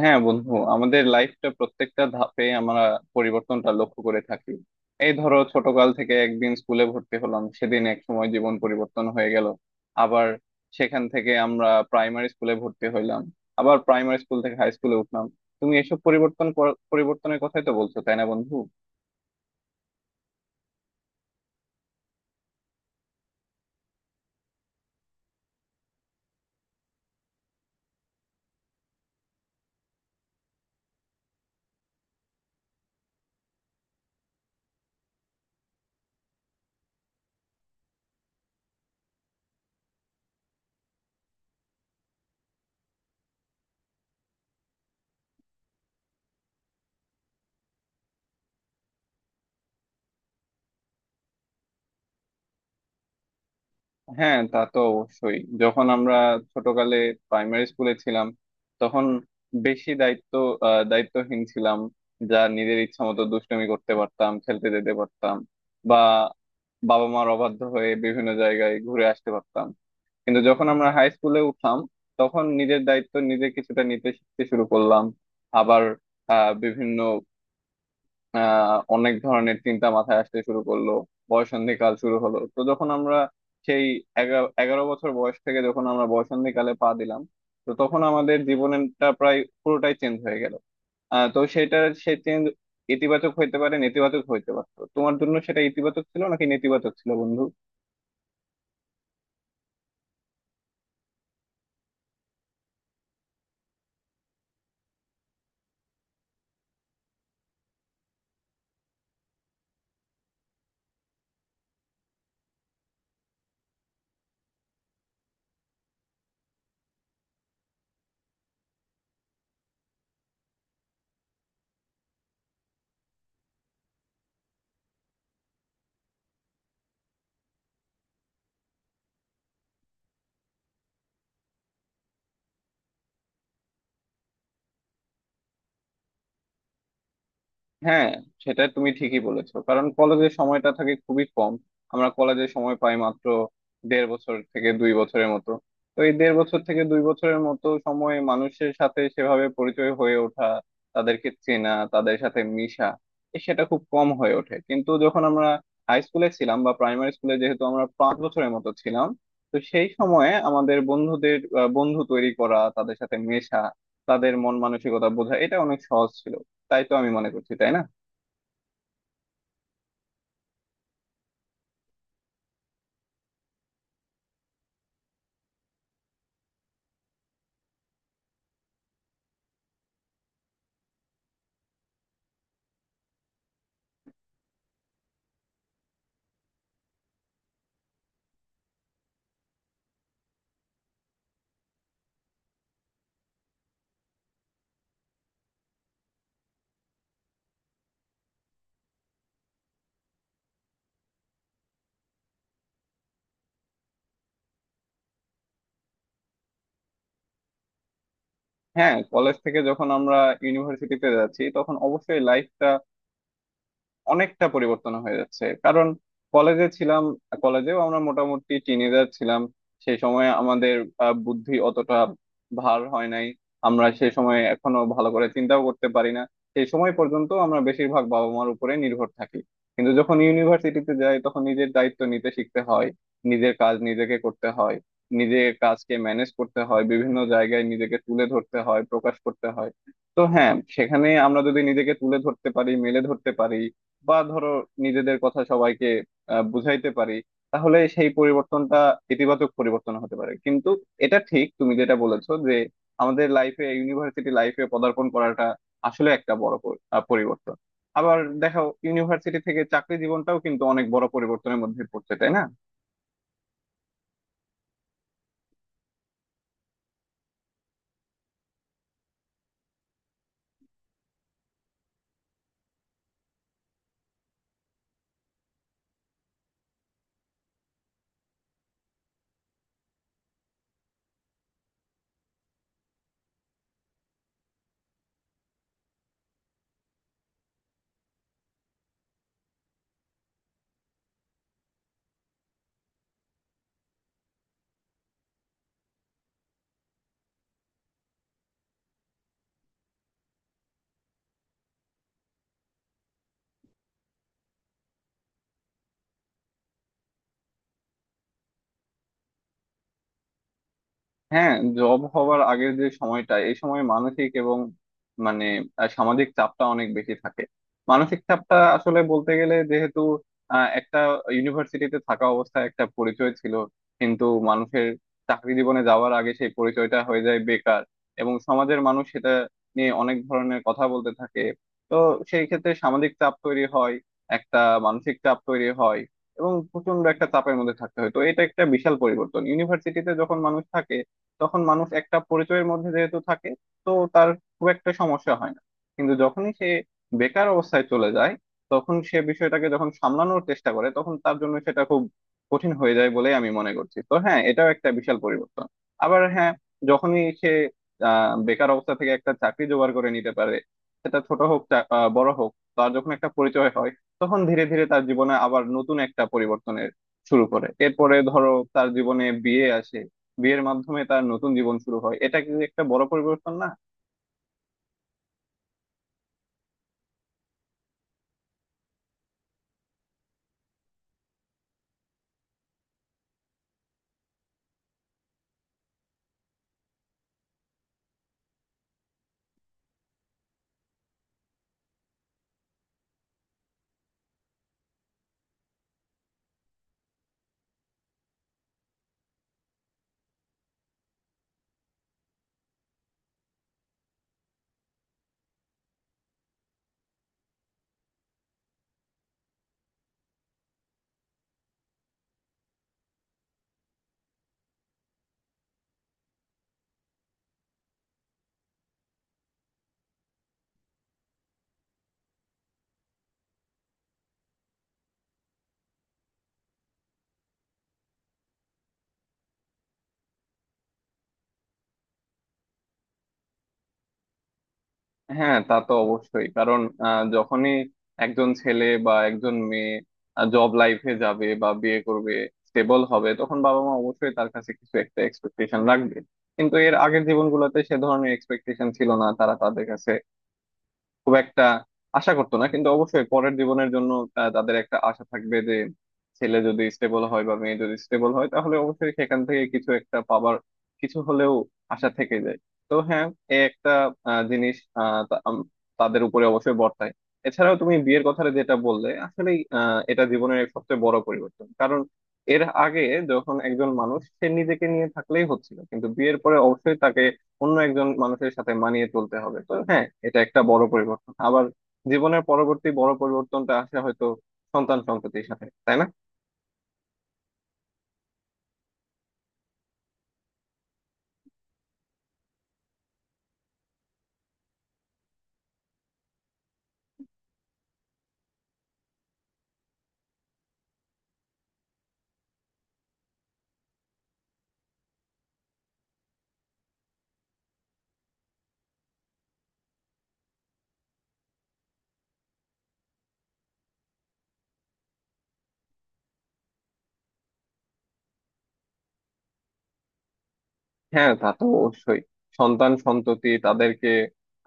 হ্যাঁ বন্ধু, আমাদের লাইফটা প্রত্যেকটা ধাপে আমরা পরিবর্তনটা লক্ষ্য করে থাকি। এই ধরো ছোটকাল থেকে একদিন স্কুলে ভর্তি হলাম, সেদিন এক সময় জীবন পরিবর্তন হয়ে গেল। আবার সেখান থেকে আমরা প্রাইমারি স্কুলে ভর্তি হইলাম, আবার প্রাইমারি স্কুল থেকে হাই স্কুলে উঠলাম। তুমি এসব পরিবর্তন পরিবর্তনের কথাই তো বলছো, তাই না বন্ধু? হ্যাঁ, তা তো অবশ্যই। যখন আমরা ছোটকালে প্রাইমারি স্কুলে ছিলাম তখন বেশি দায়িত্ব দায়িত্বহীন ছিলাম। যা নিজের ইচ্ছা মতো দুষ্টুমি করতে পারতাম, খেলতে যেতে পারতাম, বা বাবা মার অবাধ্য হয়ে বিভিন্ন জায়গায় ঘুরে আসতে পারতাম। কিন্তু যখন আমরা হাই স্কুলে উঠলাম তখন নিজের দায়িত্ব নিজে কিছুটা নিতে শিখতে শুরু করলাম। আবার বিভিন্ন অনেক ধরনের চিন্তা মাথায় আসতে শুরু করলো। বয়ঃসন্ধিকাল শুরু হলো তো, যখন আমরা সেই 11 বছর বয়স থেকে যখন আমরা বয়ঃসন্ধিকালে পা দিলাম, তো তখন আমাদের জীবনটা প্রায় পুরোটাই চেঞ্জ হয়ে গেল। তো সেটা, সেই চেঞ্জ ইতিবাচক হইতে পারে, নেতিবাচক হইতে পারতো। তোমার জন্য সেটা ইতিবাচক ছিল নাকি নেতিবাচক ছিল বন্ধু? হ্যাঁ, সেটা তুমি ঠিকই বলেছো। কারণ কলেজের সময়টা থাকে খুবই কম, আমরা কলেজে সময় পাই মাত্র 1.5 বছর থেকে 2 বছরের মতো। তো এই 1.5 বছর থেকে দুই বছরের মতো সময় মানুষের সাথে সেভাবে পরিচয় হয়ে ওঠা, তাদেরকে চেনা, তাদের সাথে মিশা এ সেটা খুব কম হয়ে ওঠে। কিন্তু যখন আমরা হাই স্কুলে ছিলাম বা প্রাইমারি স্কুলে, যেহেতু আমরা 5 বছরের মতো ছিলাম, তো সেই সময়ে আমাদের বন্ধু তৈরি করা, তাদের সাথে মেশা, তাদের মন মানসিকতা বোঝা এটা অনেক সহজ ছিল। তাই তো আমি মনে করছি, তাই না? হ্যাঁ, কলেজ থেকে যখন আমরা ইউনিভার্সিটিতে যাচ্ছি তখন অবশ্যই লাইফটা অনেকটা পরিবর্তন হয়ে যাচ্ছে। কারণ কলেজে ছিলাম, কলেজেও আমরা মোটামুটি টিনেজার ছিলাম। সেই সময় আমাদের বুদ্ধি অতটা ভার হয় নাই। আমরা সেই সময় এখনো ভালো করে চিন্তাও করতে পারি না। সেই সময় পর্যন্ত আমরা বেশিরভাগ বাবা মার উপরে নির্ভর থাকি। কিন্তু যখন ইউনিভার্সিটিতে যাই তখন নিজের দায়িত্ব নিতে শিখতে হয়, নিজের কাজ নিজেকে করতে হয়, নিজের কাজকে ম্যানেজ করতে হয়, বিভিন্ন জায়গায় নিজেকে তুলে ধরতে হয়, প্রকাশ করতে হয়। তো হ্যাঁ, সেখানে আমরা যদি নিজেকে তুলে ধরতে পারি, মেলে ধরতে পারি, বা ধরো নিজেদের কথা সবাইকে বুঝাইতে পারি, তাহলে সেই পরিবর্তনটা ইতিবাচক পরিবর্তন হতে পারে। কিন্তু এটা ঠিক তুমি যেটা বলেছো যে আমাদের লাইফে ইউনিভার্সিটি লাইফে পদার্পণ করাটা আসলে একটা বড় পরিবর্তন। আবার দেখো, ইউনিভার্সিটি থেকে চাকরি জীবনটাও কিন্তু অনেক বড় পরিবর্তনের মধ্যে পড়ছে, তাই না? হ্যাঁ, জব হওয়ার আগের যে সময়টা, এই সময় মানসিক এবং মানে সামাজিক চাপটা অনেক বেশি থাকে। মানসিক চাপটা আসলে বলতে গেলে, যেহেতু একটা ইউনিভার্সিটিতে থাকা অবস্থায় একটা পরিচয় ছিল, কিন্তু মানুষের চাকরি জীবনে যাওয়ার আগে সেই পরিচয়টা হয়ে যায় বেকার, এবং সমাজের মানুষ সেটা নিয়ে অনেক ধরনের কথা বলতে থাকে। তো সেই ক্ষেত্রে সামাজিক চাপ তৈরি হয়, একটা মানসিক চাপ তৈরি হয়, এবং প্রচন্ড একটা চাপের মধ্যে থাকতে হয়। তো এটা একটা বিশাল পরিবর্তন। ইউনিভার্সিটিতে যখন মানুষ থাকে তখন মানুষ একটা পরিচয়ের মধ্যে যেহেতু থাকে, তো তার খুব একটা সমস্যা হয় না। কিন্তু যখনই সে বেকার অবস্থায় চলে যায় তখন সে বিষয়টাকে যখন সামলানোর চেষ্টা করে তখন তার জন্য সেটা খুব কঠিন হয়ে যায় বলেই আমি মনে করছি। তো হ্যাঁ, এটাও একটা বিশাল পরিবর্তন। আবার হ্যাঁ, যখনই সে বেকার অবস্থা থেকে একটা চাকরি জোগাড় করে নিতে পারে, সেটা ছোট হোক বড় হোক, তার যখন একটা পরিচয় হয় তখন ধীরে ধীরে তার জীবনে আবার নতুন একটা পরিবর্তনের শুরু করে। এরপরে ধরো তার জীবনে বিয়ে আসে, বিয়ের মাধ্যমে তার নতুন জীবন শুরু হয়। এটা কি একটা বড় পরিবর্তন না? হ্যাঁ, তা তো অবশ্যই। কারণ যখনই একজন ছেলে বা একজন মেয়ে জব লাইফে যাবে বা বিয়ে করবে, স্টেবল হবে, তখন বাবা মা অবশ্যই তার কাছে কিছু একটা এক্সপেকটেশন রাখবে। কিন্তু এর আগের জীবনগুলোতে সে ধরনের এক্সপেকটেশন ছিল না, তারা তাদের কাছে খুব একটা আশা করতো না। কিন্তু অবশ্যই পরের জীবনের জন্য তাদের একটা আশা থাকবে যে ছেলে যদি স্টেবল হয় বা মেয়ে যদি স্টেবল হয় তাহলে অবশ্যই সেখান থেকে কিছু একটা পাবার, কিছু হলেও আশা থেকে যায়। তো হ্যাঁ, এ একটা জিনিস আহ, তা- আম- তাদের উপরে অবশ্যই বর্তায়। এছাড়াও তুমি বিয়ের কথাটা যেটা বললে, আসলে এটা জীবনের এক সবচেয়ে বড় পরিবর্তন। কারণ এর আগে যখন একজন মানুষ সে নিজেকে নিয়ে থাকলেই হচ্ছিল, কিন্তু বিয়ের পরে অবশ্যই তাকে অন্য একজন মানুষের সাথে মানিয়ে চলতে হবে। তো হ্যাঁ, এটা একটা বড় পরিবর্তন। আবার জীবনের পরবর্তী বড় পরিবর্তনটা আসে হয়তো সন্তান সন্ততির সাথে, তাই না? হ্যাঁ, তা তো অবশ্যই। সন্তান সন্ততি তাদেরকে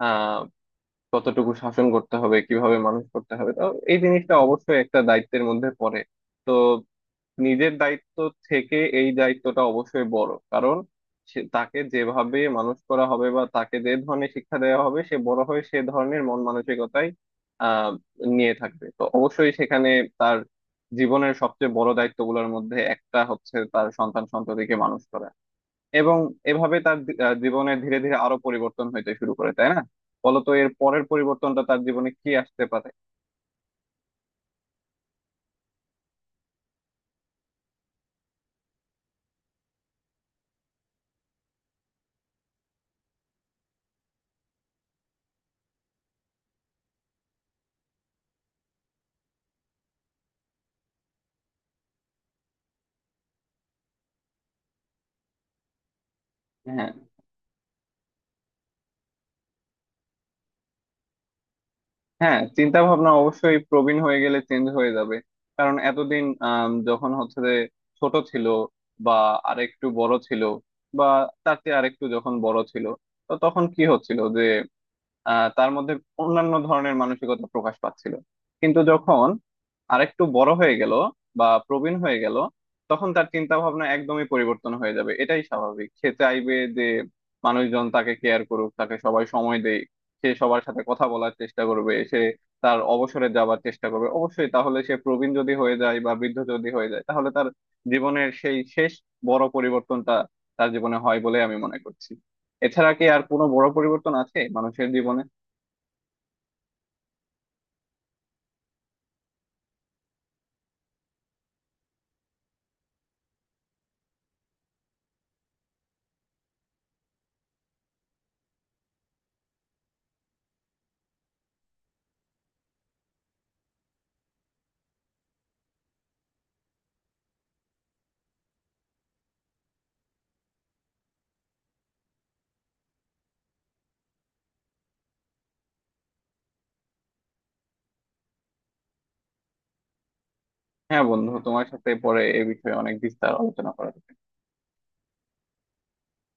আহ কতটুকু শাসন করতে হবে, কিভাবে মানুষ করতে হবে, তো এই জিনিসটা অবশ্যই একটা দায়িত্বের মধ্যে পড়ে। তো নিজের দায়িত্ব থেকে এই দায়িত্বটা অবশ্যই বড়। কারণ সে তাকে যেভাবে মানুষ করা হবে বা তাকে যে ধরনের শিক্ষা দেওয়া হবে, সে বড় হয়ে সে ধরনের মন মানসিকতাই আহ নিয়ে থাকবে। তো অবশ্যই সেখানে তার জীবনের সবচেয়ে বড় দায়িত্বগুলোর মধ্যে একটা হচ্ছে তার সন্তান সন্ততিকে মানুষ করা। এবং এভাবে তার জীবনে ধীরে ধীরে আরো পরিবর্তন হইতে শুরু করে, তাই না? বলতো এর পরের পরিবর্তনটা তার জীবনে কি আসতে পারে? হ্যাঁ, হ্যাঁ, চিন্তা ভাবনা অবশ্যই প্রবীণ হয়ে গেলে চেঞ্জ হয়ে যাবে। কারণ এতদিন যখন হচ্ছে যে ছোট ছিল, বা আরেকটু বড় ছিল, বা তার চেয়ে আরেকটু যখন বড় ছিল, তো তখন কি হচ্ছিল যে তার মধ্যে অন্যান্য ধরনের মানসিকতা প্রকাশ পাচ্ছিল। কিন্তু যখন আরেকটু বড় হয়ে গেল বা প্রবীণ হয়ে গেল তখন তার চিন্তা ভাবনা একদমই পরিবর্তন হয়ে যাবে, এটাই স্বাভাবিক। সে চাইবে যে মানুষজন তাকে কেয়ার করুক, তাকে সবাই সময় দেয়, সে সবার সাথে কথা বলার চেষ্টা করবে, সে তার অবসরে যাবার চেষ্টা করবে। অবশ্যই তাহলে সে প্রবীণ যদি হয়ে যায় বা বৃদ্ধ যদি হয়ে যায় তাহলে তার জীবনের সেই শেষ বড় পরিবর্তনটা তার জীবনে হয় বলে আমি মনে করছি। এছাড়া কি আর কোনো বড় পরিবর্তন আছে মানুষের জীবনে? হ্যাঁ বন্ধু, তোমার সাথে পরে এ বিষয়ে অনেক বিস্তার আলোচনা করা যাবে।